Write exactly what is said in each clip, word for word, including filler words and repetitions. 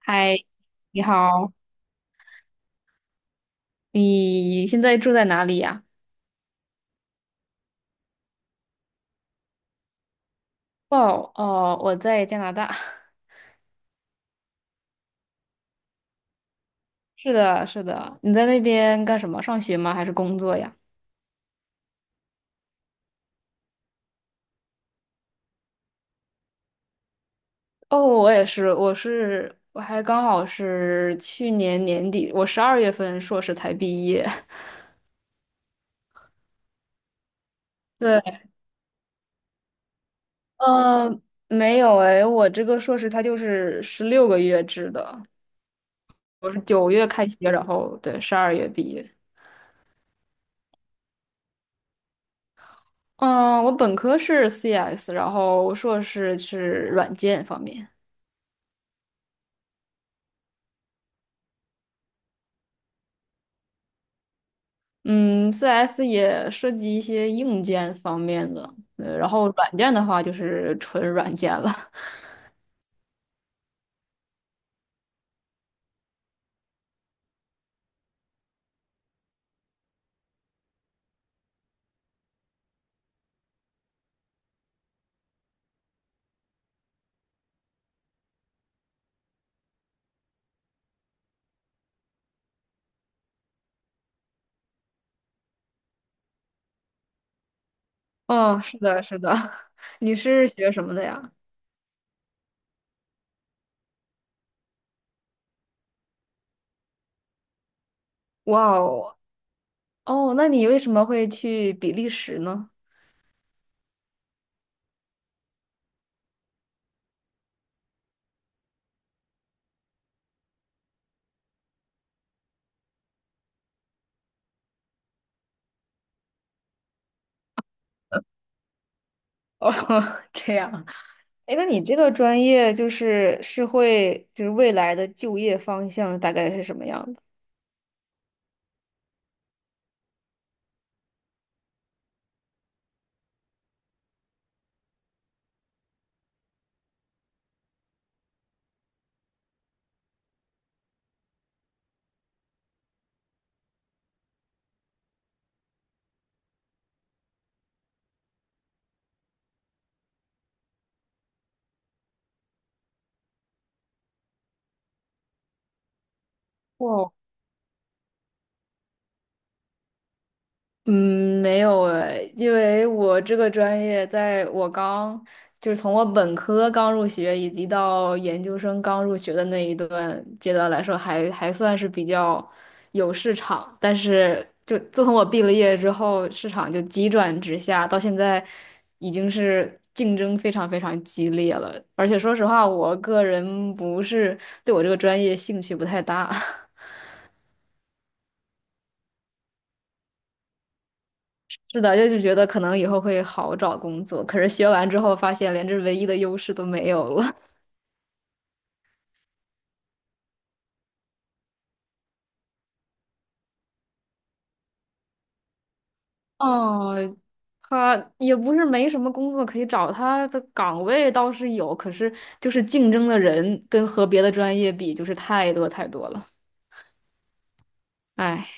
嗨，你好，你现在住在哪里呀？哦哦，我在加拿大。是的，是的，你在那边干什么？上学吗？还是工作呀？哦，我也是，我是，我还刚好是去年年底，我十二月份硕士才毕业。对，呃，没有诶，我这个硕士它就是十六个月制的，我是九月开学，然后对，十二月毕业。嗯，我本科是 C S,然后硕士是软件方面。嗯，C S 也涉及一些硬件方面的，呃然后软件的话就是纯软件了。哦，是的，是的。你是学什么的呀？哇哦，哦，那你为什么会去比利时呢？哦，这样。哎，那你这个专业就是是会就是未来的就业方向大概是什么样的？嗯，没有诶，因为我这个专业，在我刚就是从我本科刚入学，以及到研究生刚入学的那一段阶段来说还，还算是比较有市场。但是，就自从我毕了业之后，市场就急转直下，到现在已经是竞争非常非常激烈了。而且说实话，我个人不是对我这个专业兴趣不太大。是的，就是觉得可能以后会好找工作，可是学完之后发现连这唯一的优势都没有了。哦，他也不是没什么工作可以找，他的岗位倒是有，可是就是竞争的人跟和别的专业比，就是太多太多了。哎，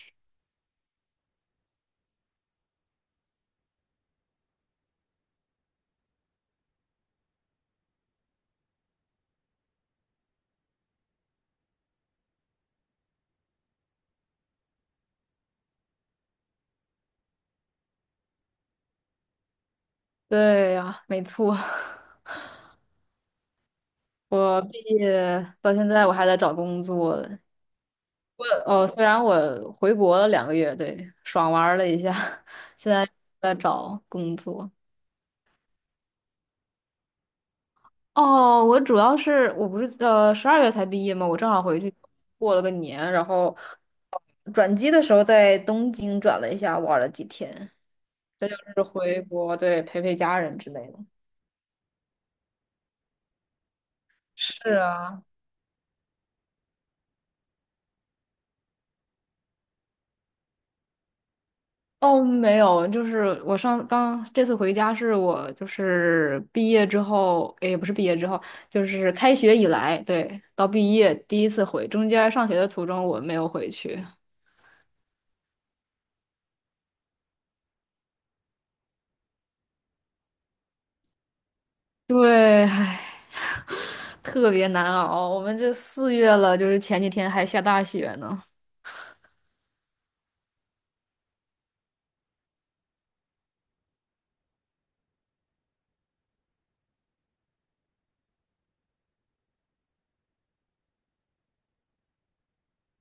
对呀，没错，我毕业到现在我还在找工作。呃哦，虽然我回国了两个月，对，爽玩儿了一下，现在在找工作。哦，我主要是我不是呃十二月才毕业嘛，我正好回去过了个年，然后转机的时候在东京转了一下，玩了几天，再就是回国，对，陪陪家人之类的。是啊。哦，没有，就是我上刚这次回家是我就是毕业之后，也不是毕业之后，就是开学以来，对，到毕业第一次回，中间上学的途中我没有回去。对，唉。特别难熬。我们这四月了，就是前几天还下大雪呢。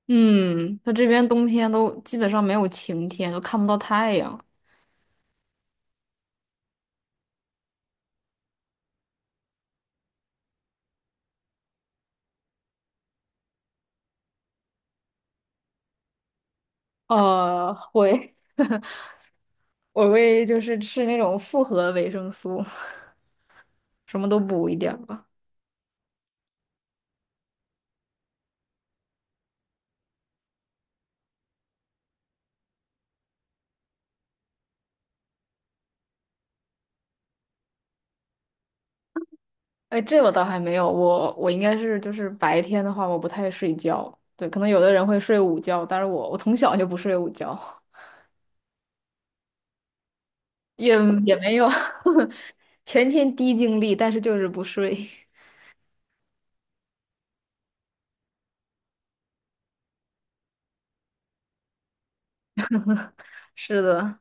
嗯，它这边冬天都基本上没有晴天，都看不到太阳。呃，会，我会就是吃那种复合维生素，什么都补一点儿吧。哎，这我倒还没有，我我应该是就是白天的话，我不太睡觉。对，可能有的人会睡午觉，但是我我从小就不睡午觉，也也没有 全天低精力，但是就是不睡。是的，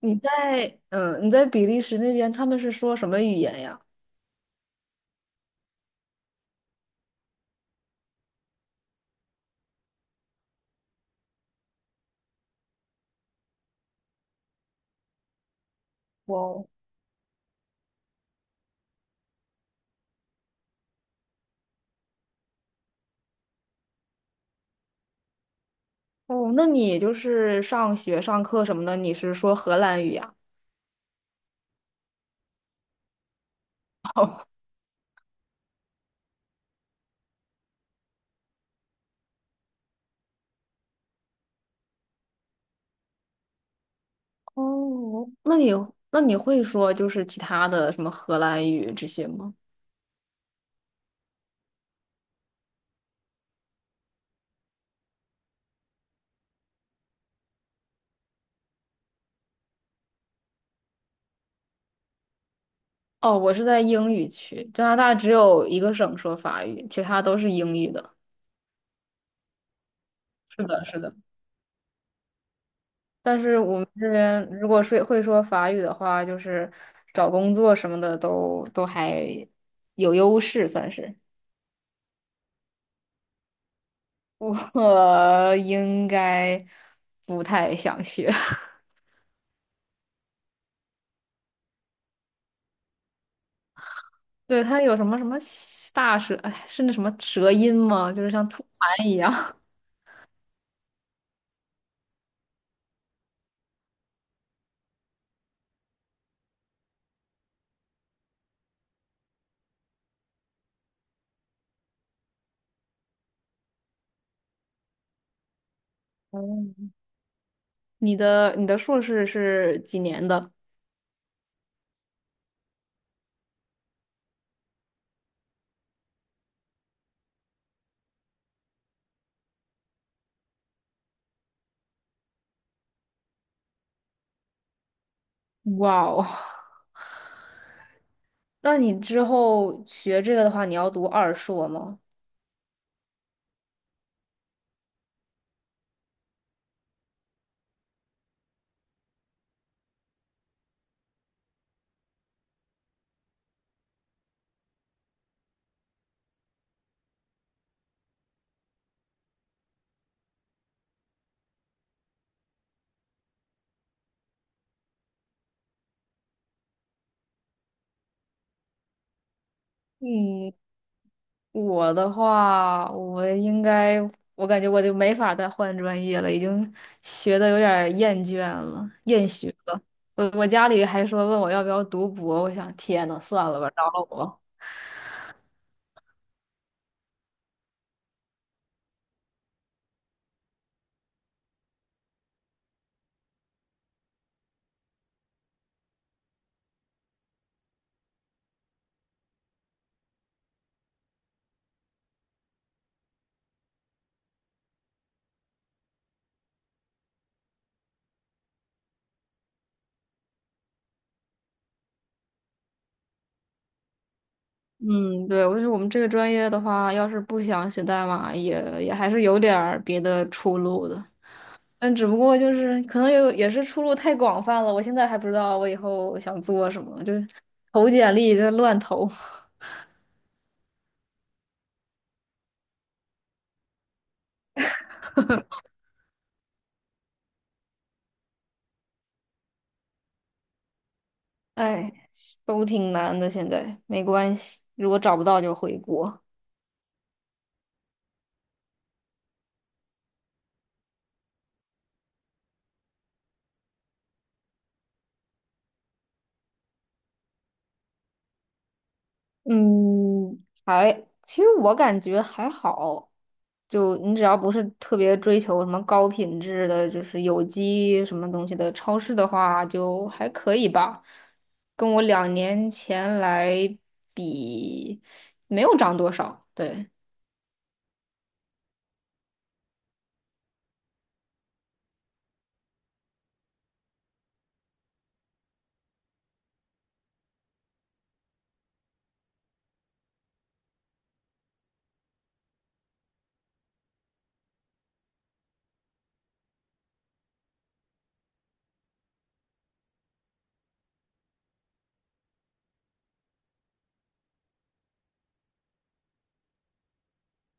你在嗯你在比利时那边，他们是说什么语言呀？哇哦，哦，那你就是上学上课什么的，你是说荷兰语呀？哦，哦，那你那你会说就是其他的什么荷兰语这些吗？哦，我是在英语区，加拿大只有一个省说法语，其他都是英语的。是的，是的。但是我们这边如果说会说法语的话，就是找工作什么的都都还有优势，算是。我应该不太想学。对，他有什么什么大舌，哎，是那什么舌音吗？就是像吐痰一样。哦，你的你的硕士是几年的？哇哦，那你之后学这个的话，你要读二硕吗？嗯。我的话，我应该，我感觉我就没法再换专业了，已经学的有点儿厌倦了，厌学了。我我家里还说问我要不要读博，我想天呐，算了吧，饶了我。嗯，对，我觉得我们这个专业的话，要是不想写代码，也也还是有点儿别的出路的。但只不过就是可能有也是出路太广泛了，我现在还不知道我以后想做什么，就是投简历就乱投。哎，都挺难的，现在没关系，如果找不到就回国。嗯，还，其实我感觉还好，就你只要不是特别追求什么高品质的，就是有机什么东西的超市的话，就还可以吧。跟我两年前来比，没有涨多少。对，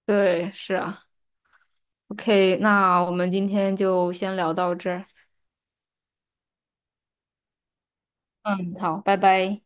对，是啊。OK,那我们今天就先聊到这儿。嗯，好，拜拜。